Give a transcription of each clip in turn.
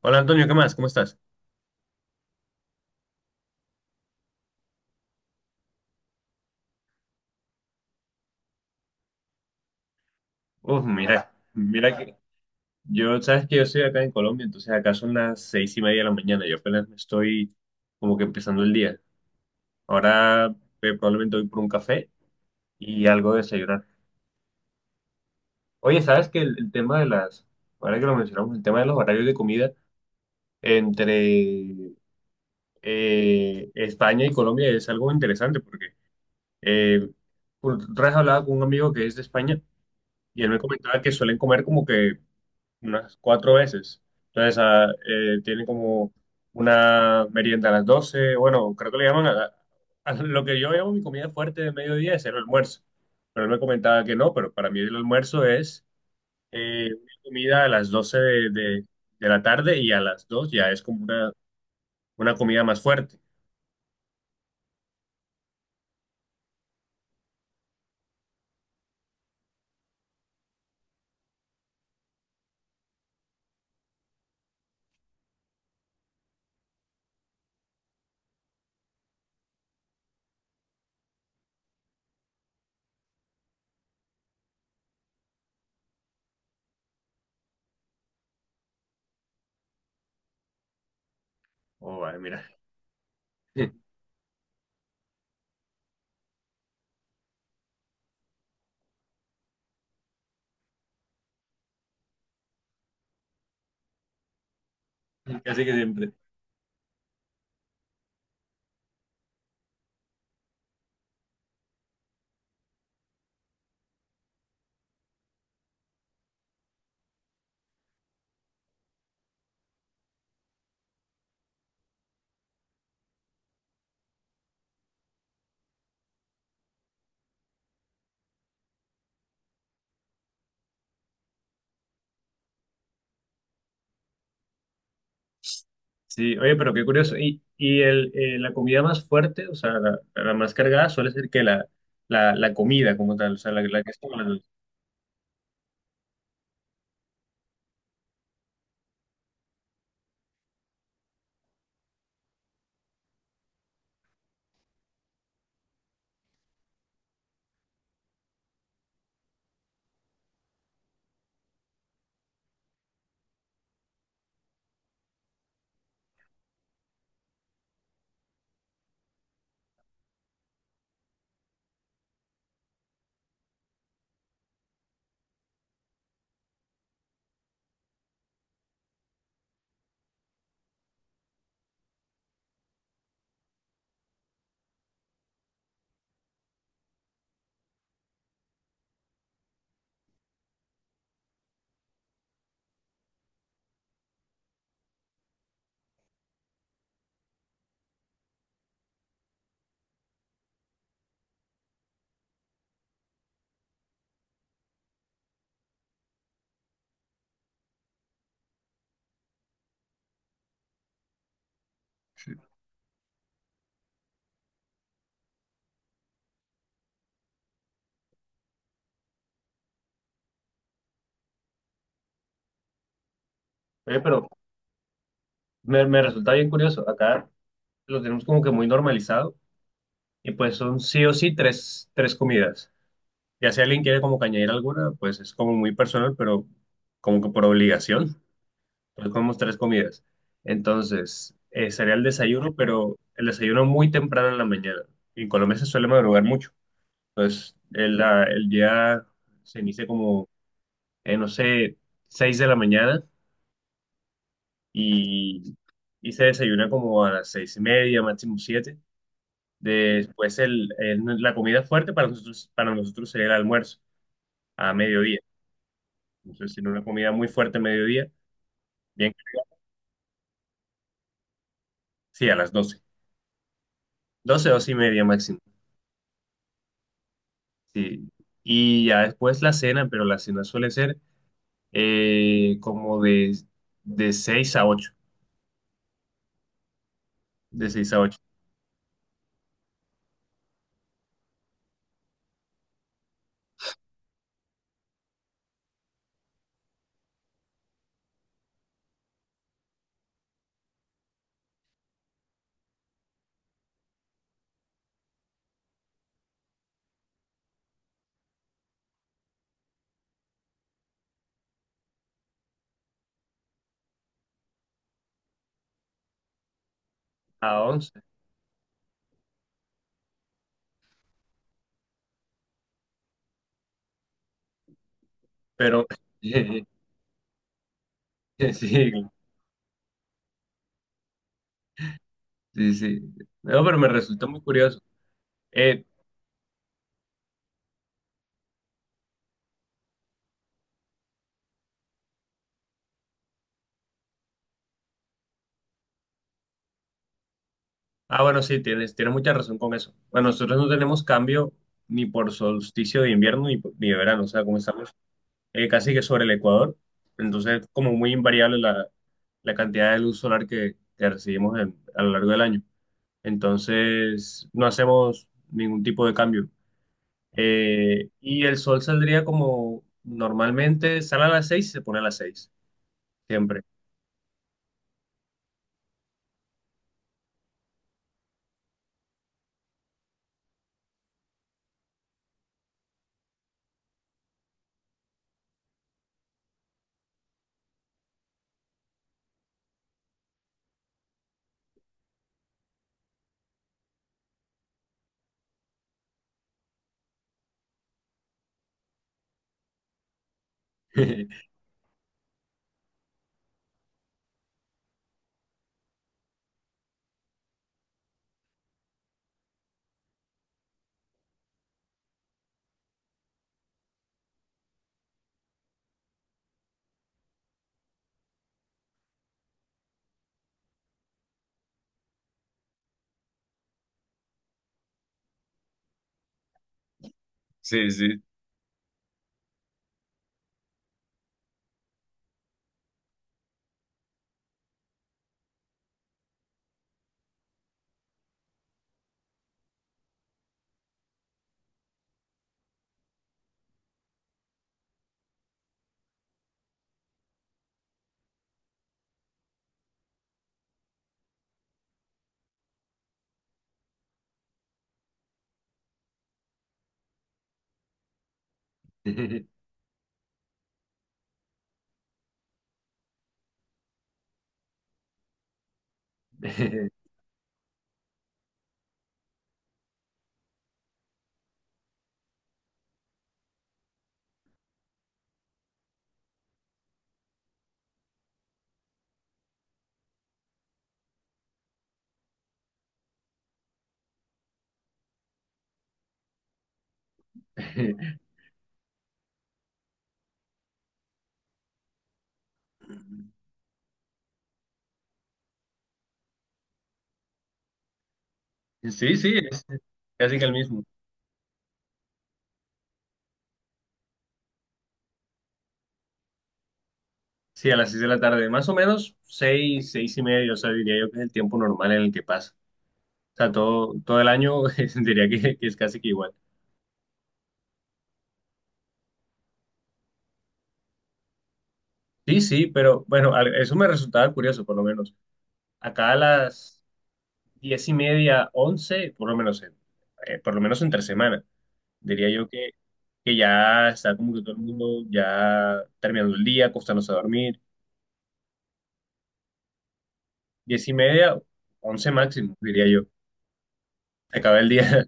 Hola Antonio, ¿qué más? ¿Cómo estás? Uf, mira, mira que sabes que yo soy acá en Colombia, entonces acá son las seis y media de la mañana, yo apenas me estoy como que empezando el día. Ahora probablemente voy por un café y algo de desayunar. Oye, ¿sabes que el tema de ahora que lo mencionamos, el tema de los horarios de comida entre España y Colombia es algo interesante porque eh, por otra vez hablaba con un amigo que es de España y él me comentaba que suelen comer como que unas cuatro veces. Entonces, tienen como una merienda a las doce. Bueno, creo que le llaman a lo que yo llamo mi comida fuerte de mediodía es el almuerzo. Pero él me comentaba que no, pero para mí el almuerzo es una comida a las 12 de la tarde, y a las 2 ya es como una comida más fuerte. Oh, vale, mira, casi que siempre. Sí, oye, pero qué curioso. ¿Y la comida más fuerte, o sea, la más cargada, suele ser que la comida como tal, o sea, la que es como la? Sí. Oye, pero me resulta bien curioso. Acá lo tenemos como que muy normalizado y pues son sí o sí tres comidas. Ya si alguien quiere como que añadir alguna, pues es como muy personal, pero como que por obligación. Entonces comemos tres comidas. Entonces, sería el desayuno, pero el desayuno muy temprano en la mañana. En Colombia se suele madrugar mucho. Pues el día se inicia como, no sé, 6 de la mañana, y, y se desayuna como a las seis y media, máximo siete. Después la comida fuerte para nosotros sería el almuerzo a mediodía. Entonces tiene una comida muy fuerte a mediodía, bien, sí, a las doce, 12 y media máximo. Sí. Y ya después la cena, pero la cena suele ser como de 6 a ocho. De 6 a ocho. ¿A once? Pero sí, sí, sí. No, pero me resultó muy curioso. Eh, bueno, sí, tienes mucha razón con eso. Bueno, nosotros no tenemos cambio ni por solsticio de invierno ni, ni de verano, o sea, como estamos casi que sobre el Ecuador, entonces es como muy invariable la cantidad de luz solar que recibimos a lo largo del año. Entonces, no hacemos ningún tipo de cambio. Y el sol saldría como normalmente, sale a las seis y se pone a las seis, siempre. Sí, sí. Sí, sí, es casi que el mismo. Sí, a las seis de la tarde, más o menos seis, seis y media, o sea, diría yo que es el tiempo normal en el que pasa. O sea, todo el año diría que es casi que igual. Sí, sí, pero bueno, eso me resultaba curioso, por lo menos. Acá a las diez y media, once, por lo menos, por lo menos entre semana, diría yo que ya está como que todo el mundo ya terminando el día, acostándose a dormir. Diez y media, once máximo, diría yo. Se acaba el día.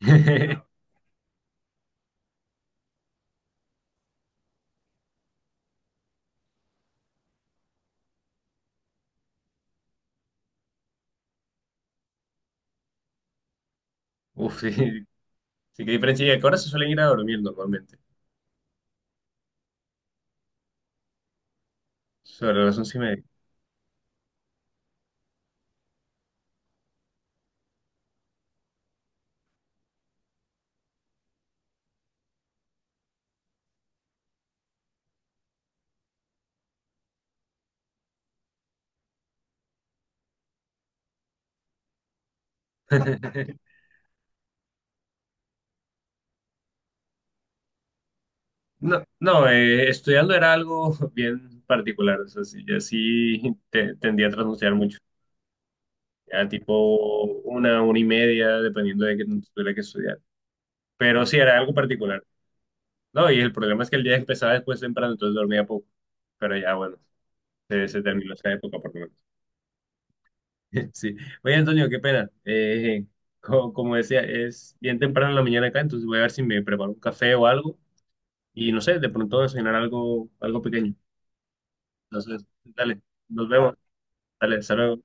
Uf, sí, sí, qué diferencia. ¿Y a qué hora se suelen ir a dormir normalmente? Sobre las once y media. No, no, estudiando era algo bien particular. O sea, sí, yo sí tendía a trasnochar mucho. Ya tipo una y media, dependiendo de qué tanto tuviera que estudiar. Pero sí, era algo particular. No, y el problema es que el día empezaba después temprano, entonces dormía poco. Pero ya, bueno, se terminó esa época por lo menos. Sí. Oye, Antonio, qué pena. Como decía, es bien temprano en la mañana acá, entonces voy a ver si me preparo un café o algo. Y no sé, de pronto desayunar algo, algo pequeño. Entonces, dale, nos vemos. Dale, hasta luego.